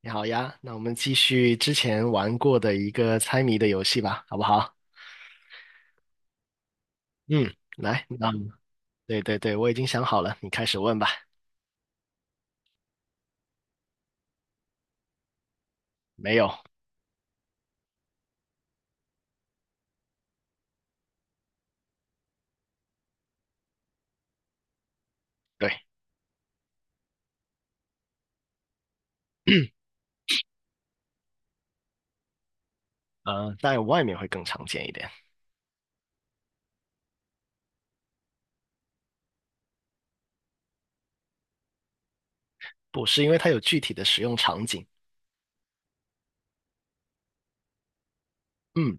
你好呀，那我们继续之前玩过的一个猜谜的游戏吧，好不好？嗯，来，那对对对，我已经想好了，你开始问吧。没有。对。但外面会更常见一点。不是，因为它有具体的使用场景。嗯。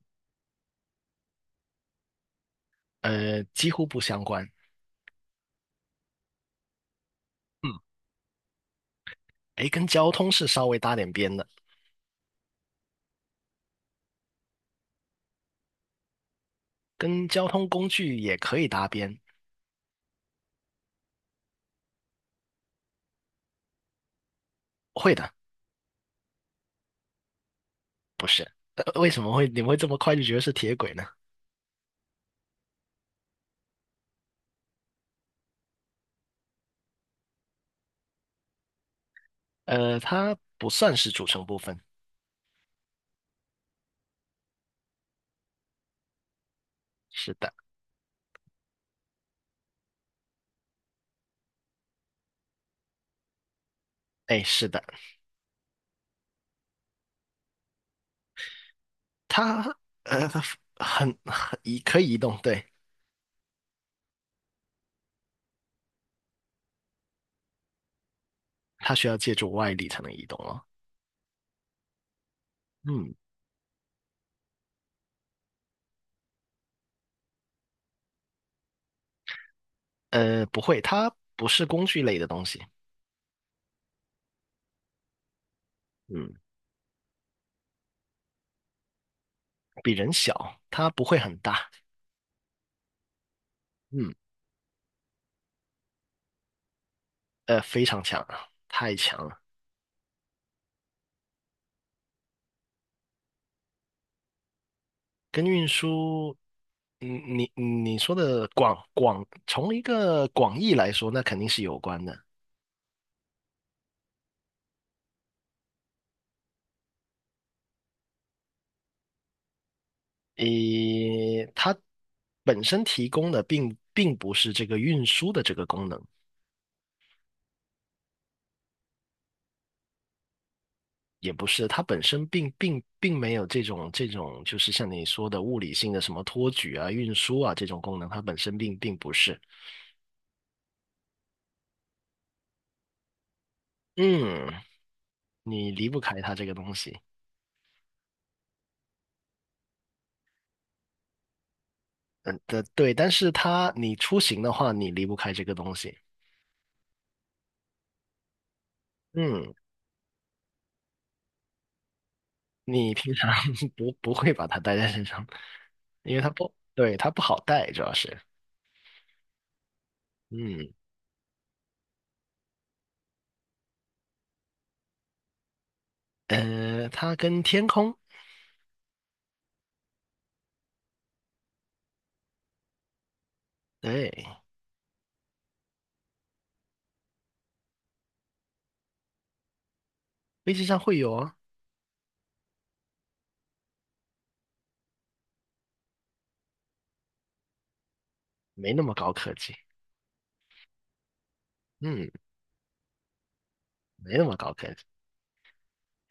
几乎不相关。嗯，诶，跟交通是稍微搭点边的。跟交通工具也可以搭边。会的。不是。呃，为什么你们会这么快就觉得是铁轨呢？它不算是组成部分。是的。哎，是的。它呃，它很很移可以移动，对。它需要借助外力才能移动哦。嗯。不会，它不是工具类的东西。嗯。比人小，它不会很大。嗯。非常强啊，太强了。跟运输，嗯，你说的,从一个广义来说，那肯定是有关的。诶，它本身提供的不是这个运输的这个功能。也不是，它本身并并并没有这种,就是像你说的物理性的什么托举啊、运输啊这种功能，它本身并不是。嗯，你离不开它这个东西。嗯，的对，但是它你出行的话，你离不开这个东西。嗯，你平常 不会把它带在身上。因为它不，对，它不好带，主要是。嗯。它跟天空。对，飞机上会有啊。没那么高科技。嗯。没那么高科技。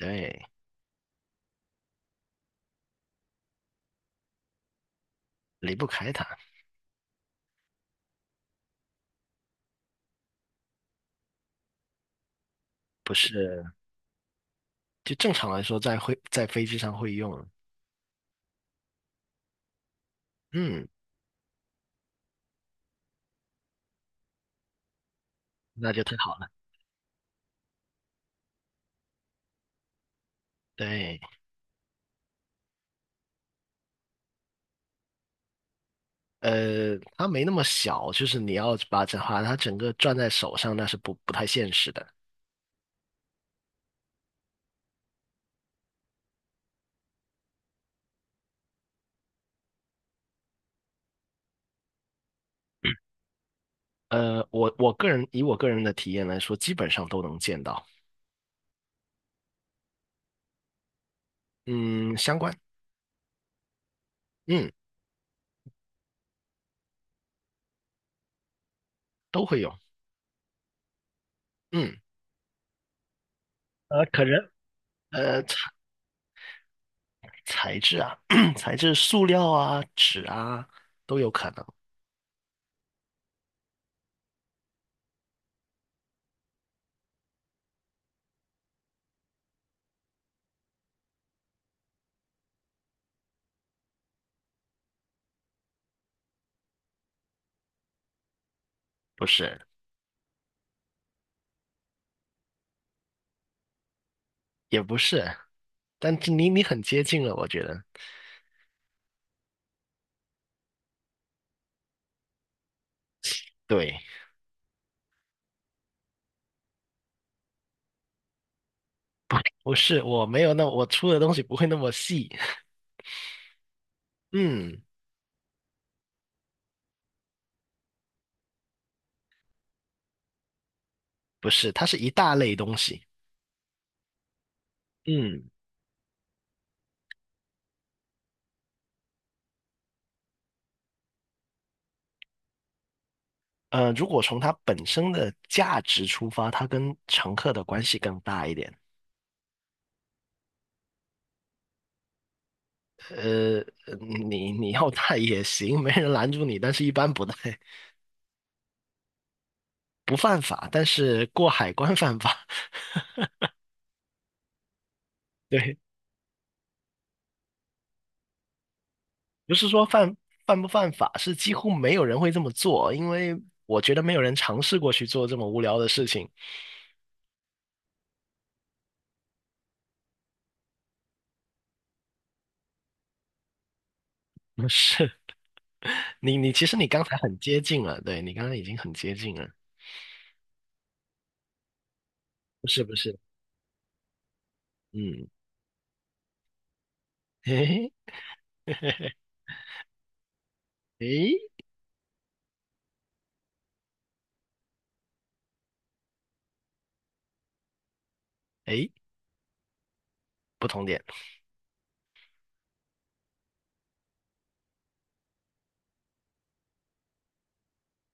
对。离不开它。不是，就正常来说在会在飞机上会用。嗯，那就太好了。对。它没那么小，就是你要把它整个攥在手上，那是不太现实的。呃，我我个人以我个人的体验来说，基本上都能见到。嗯，相关。嗯，都会用。嗯。可能呃材材质啊，材质塑料啊、纸啊都有可能。不是，也不是，但是你你很接近了，我觉得。对。不是，我没有那，我出的东西不会那么细。嗯。不是，它是一大类东西。嗯。如果从它本身的价值出发，它跟乘客的关系更大一点。呃，你你要带也行，没人拦住你，但是一般不带。不犯法，但是过海关犯法。对。不是说不犯法，是几乎没有人会这么做，因为我觉得没有人尝试过去做这么无聊的事情。不是。其实你刚才很接近了，对，你刚刚已经很接近了。不是不是。嗯，嘿嘿，诶诶,不同点。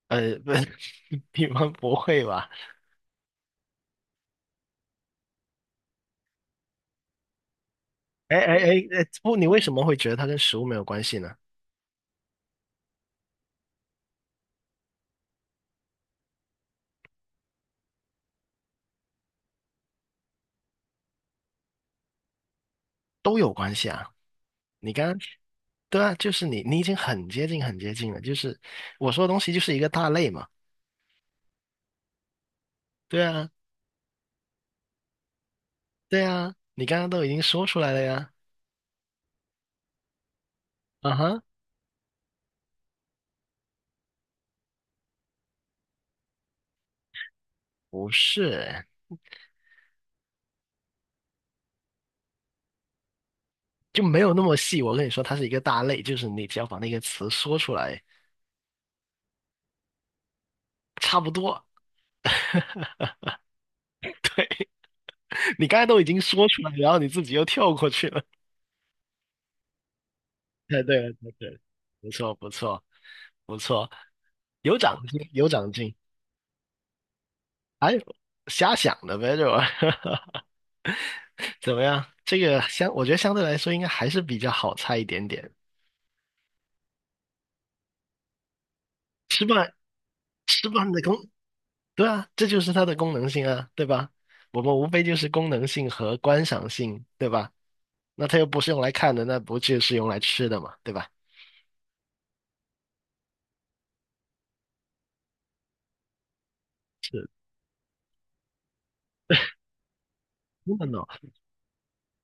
呃，不，你们不会吧？哎哎哎哎,不，你为什么会觉得它跟食物没有关系呢？都有关系啊！你刚刚，对啊，你已经很接近很接近了，就是我说的东西就是一个大类嘛。对啊。对啊，你刚刚都已经说出来了呀。啊哈。不是，就没有那么细，我跟你说，它是一个大类，就是你只要把那个词说出来。差不多。你刚才都已经说出来，然后你自己又跳过去了。太对了,不错，不错，不错，有长进，有长进。哎，瞎想的呗，就 怎么样？这个相，我觉得相对来说应该还是比较好猜一点点。吃饭，吃饭的功，对啊，这就是它的功能性啊，对吧？我们无非就是功能性和观赏性，对吧？那它又不是用来看的，那不就是用来吃的嘛，对吧？真的呢，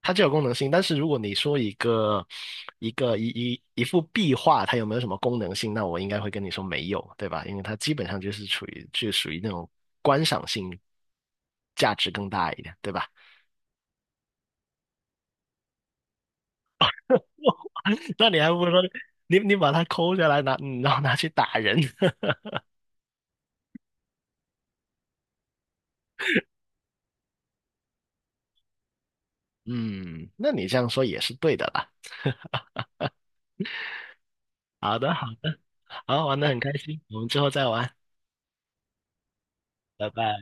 它就有功能性，但是如果你说一个一个一一一幅壁画，它有没有什么功能性，那我应该会跟你说没有，对吧？因为它基本上就是处于就属于那种观赏性价值更大一点，对吧？那你还不如说你把它抠下来拿，然后拿去打人。嗯，那你这样说也是对的啦。好的，好的，好，玩的很开心，我们之后再玩，拜拜。